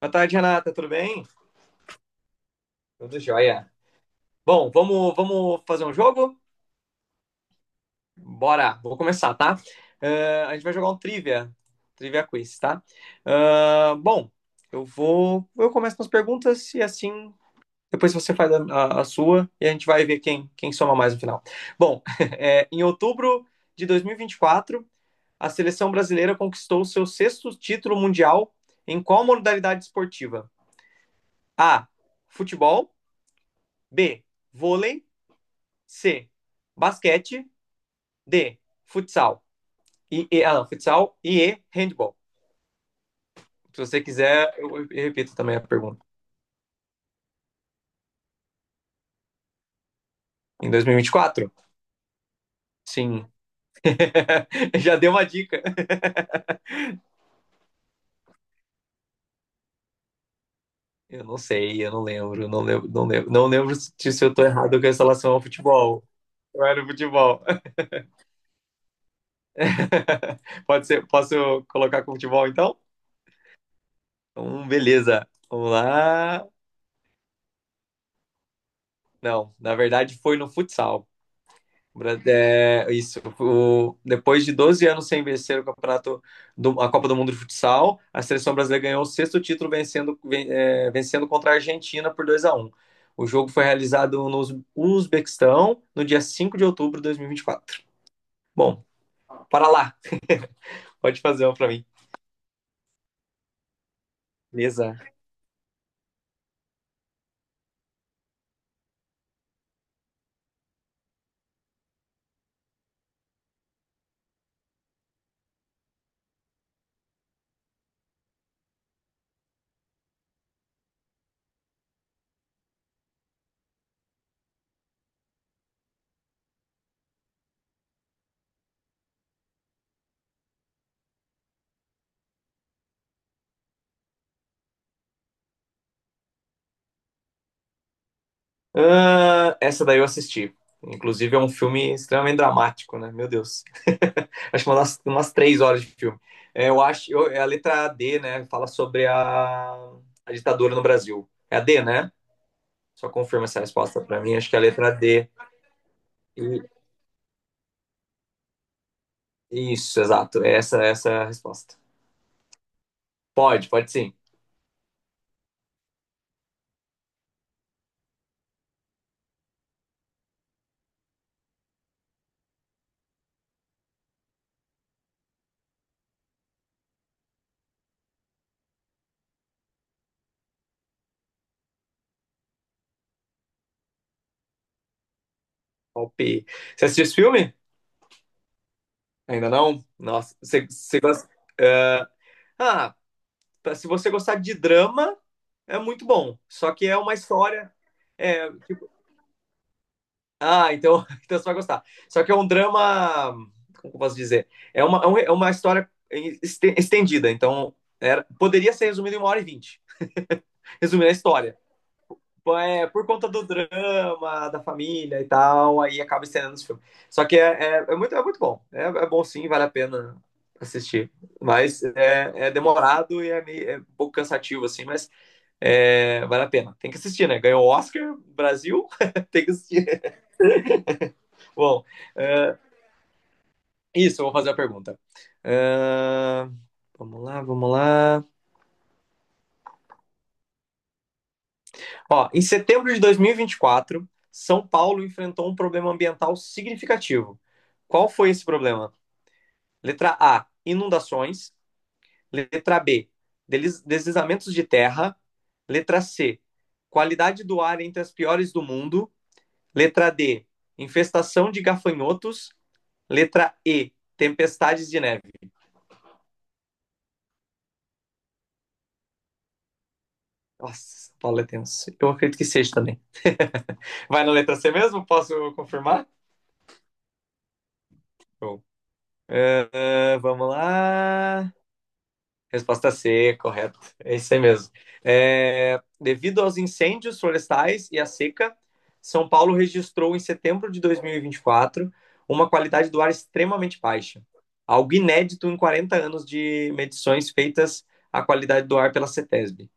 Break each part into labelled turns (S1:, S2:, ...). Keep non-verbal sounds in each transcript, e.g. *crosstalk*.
S1: Boa tarde, Renata. Tudo bem? Tudo jóia. Bom, vamos fazer um jogo? Bora, vou começar, tá? A gente vai jogar um trivia, trivia quiz, tá? Ah, bom, eu começo com as perguntas e assim depois você faz a sua e a gente vai ver quem soma mais no final. Bom, *laughs* em outubro de 2024, a seleção brasileira conquistou seu sexto título mundial em qual modalidade esportiva? A. Futebol. B. Vôlei. C. Basquete. D. Futsal. Não, futsal e E. Handball. Se você quiser, eu repito também a pergunta. Em dois mil e vinte e quatro? Sim. *laughs* Já deu uma dica. Eu não sei, eu não lembro, não lembro se eu tô errado com essa relação ao futebol. Eu era o futebol. *laughs* Pode ser, posso colocar com futebol então? Então, beleza. Vamos lá. Não, na verdade foi no futsal. É, isso. Depois de 12 anos sem vencer o campeonato a Copa do Mundo de Futsal, a seleção brasileira ganhou o sexto título vencendo contra a Argentina por 2 a um. O jogo foi realizado no Uzbequistão no dia 5 de outubro de dois mil e vinte e quatro. Bom, para lá. Pode fazer uma para mim. Beleza. Ah, essa daí eu assisti. Inclusive é um filme extremamente dramático, né? Meu Deus. *laughs* Acho que umas 3 horas de filme. É, é a letra D, né? Fala sobre a ditadura no Brasil. É a D, né? Só confirma essa resposta pra mim. Acho que é a letra D. E- isso, exato. É essa é a resposta. Pode, pode sim. Palpi. Você assistiu esse filme? Ainda não? Nossa, você gosta. ah, ah, Tá, se você gostar de drama, é muito bom. Só que é uma história. é, Ah, então, *laughs* então você vai gostar. Só que é um drama. Como eu posso dizer? É uma história estendida. Poderia ser resumido em 1 hora e vinte. Resumir a história. É, por conta do drama, da família e tal, aí acaba estendendo esse filme. Só que é muito bom. É bom sim, vale a pena assistir. Mas é demorado e é um pouco cansativo, assim, mas é, vale a pena, tem que assistir, né? Ganhou o Oscar, Brasil, *laughs* tem que assistir. Bom, é, isso, eu vou fazer a pergunta. É, vamos lá. Ó, em setembro de 2024, São Paulo enfrentou um problema ambiental significativo. Qual foi esse problema? Letra A, inundações. Letra B, deslizamentos de terra. Letra C, qualidade do ar entre as piores do mundo. Letra D, infestação de gafanhotos. Letra E, tempestades de neve. Nossa, São Paulo é tenso. Eu acredito que seja também. Vai na letra C mesmo? Posso confirmar? Show. Vamos lá. Resposta C, correto. É isso aí mesmo. Devido aos incêndios florestais e à seca, São Paulo registrou em setembro de 2024 uma qualidade do ar extremamente baixa. Algo inédito em 40 anos de medições feitas à qualidade do ar pela CETESB.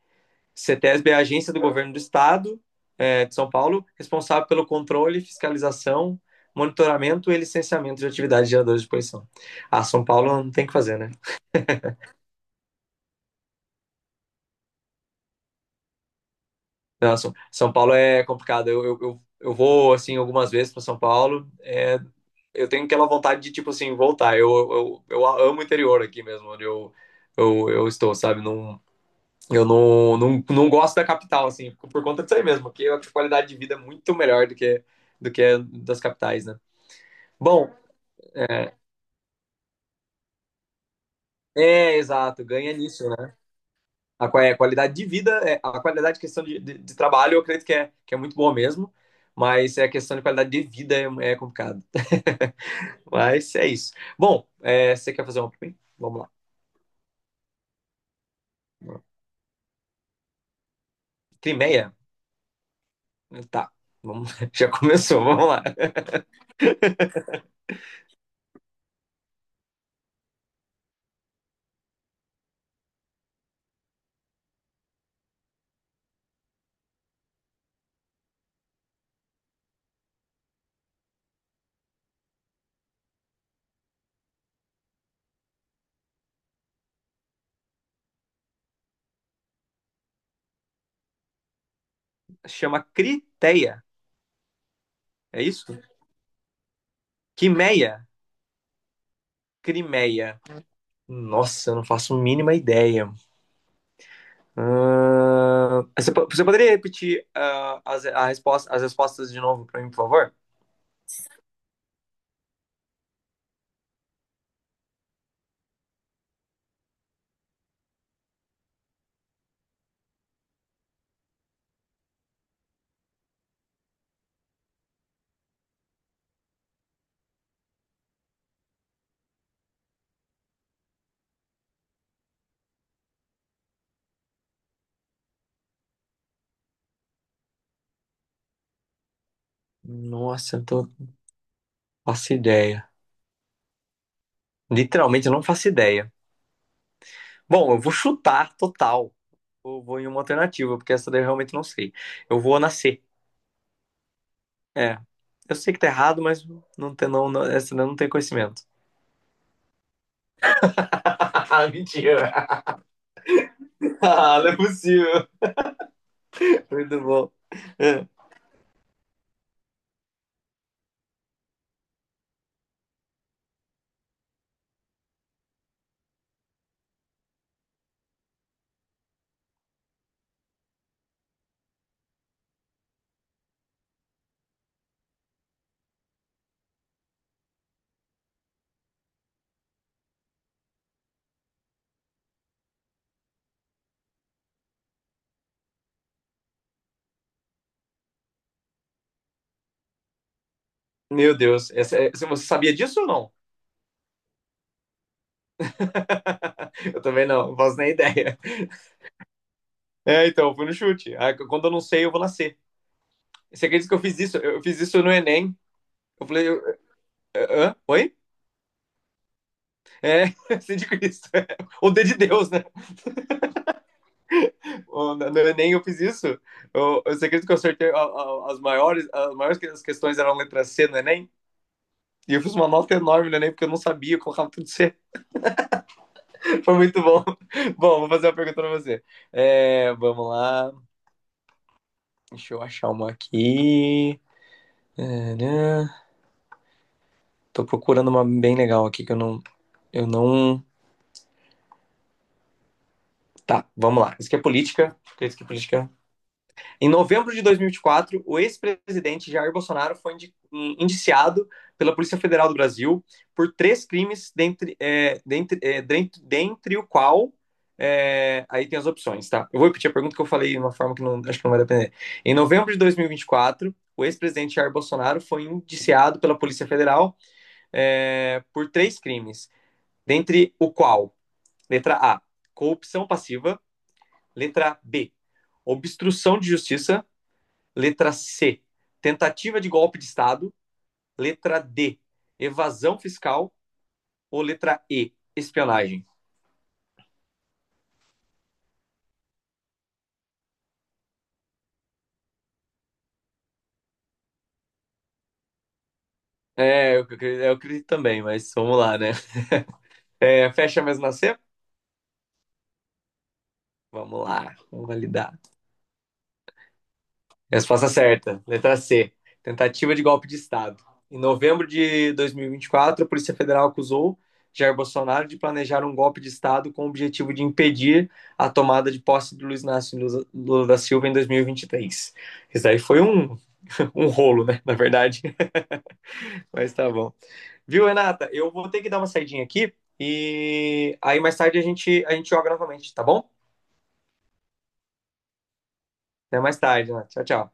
S1: CETESB é a agência do governo do estado de São Paulo, responsável pelo controle, fiscalização, monitoramento e licenciamento de atividades de geradores de poluição. Ah, São Paulo não tem o que fazer, né? Não, São Paulo é complicado. Eu vou, assim, algumas vezes para São Paulo. É, eu tenho aquela vontade de, tipo assim, voltar. Eu amo o interior aqui mesmo, onde eu estou, sabe? Não, não gosto da capital, assim, por conta disso aí mesmo, porque a qualidade de vida é muito melhor do que das capitais, né? Bom, é exato, ganha nisso, né? A qualidade de vida, a qualidade de questão de trabalho, eu acredito que que é muito boa mesmo, mas é a questão de qualidade de vida é complicado. *laughs* Mas é isso. Bom, você quer fazer uma pra mim? Vamos lá. Crimeia? Tá. Vamos, *laughs* já começou, vamos lá. Chama Criteia, é isso? Quimeia? Crimeia. Nossa, eu não faço a mínima ideia. Você poderia repetir as respostas de novo pra mim, por favor? Nossa, eu tô... faço ideia. Literalmente, eu não faço ideia. Bom, eu vou chutar total. Eu vou em uma alternativa, porque essa daí eu realmente não sei. Eu vou nascer. É. Eu sei que tá errado, mas não tem, essa daí eu não tem conhecimento. *laughs* Ah, mentira. *laughs* Ah, não é possível. Muito bom. É. Meu Deus, você sabia disso ou não? Eu também não, não faço nem ideia. *laughs* É, então, eu fui no chute. Ah, quando eu não sei, eu vou nascer. Você acredita que eu fiz isso? Eu fiz isso no Enem. Eu falei, eu- hã? Oi? É, *laughs* sei de Cristo. *laughs* Ou D de Deus, né? Ou, no Enem eu fiz isso. Eu sei que eu acertei as maiores, as questões eram letra C no Enem. E eu fiz uma nota enorme no Enem, porque eu não sabia, eu colocava tudo C. *laughs* Foi muito bom. *laughs* Bom, vou fazer uma pergunta pra você. É, vamos lá. Deixa eu achar uma aqui. Tadã. Tô procurando uma bem legal aqui que eu não. Eu não. Tá, vamos lá. Isso aqui é política. Porque isso aqui é política. Em novembro de 2024, o ex-presidente Jair Bolsonaro foi indiciado pela Polícia Federal do Brasil por três crimes, dentre o qual. É, aí tem as opções, tá? Eu vou repetir a pergunta que eu falei de uma forma que não, acho que não vai depender. Em novembro de 2024, o ex-presidente Jair Bolsonaro foi indiciado pela Polícia Federal por três crimes, dentre o qual, letra A, corrupção passiva, letra B, obstrução de justiça. Letra C, tentativa de golpe de Estado. Letra D, evasão fiscal. Ou letra E, espionagem? É, eu acredito também, mas vamos lá, né? É, fecha mesmo na C? Vamos lá, vamos validar. Resposta certa, letra C. Tentativa de golpe de Estado. Em novembro de 2024, a Polícia Federal acusou Jair Bolsonaro de planejar um golpe de Estado com o objetivo de impedir a tomada de posse de Luiz Inácio Lula da Silva em 2023. Isso daí foi um, *laughs* um rolo, né? Na verdade, *laughs* mas tá bom. Viu, Renata? Eu vou ter que dar uma saidinha aqui e aí mais tarde a gente joga novamente, tá bom? Até mais tarde, né? Tchau, tchau.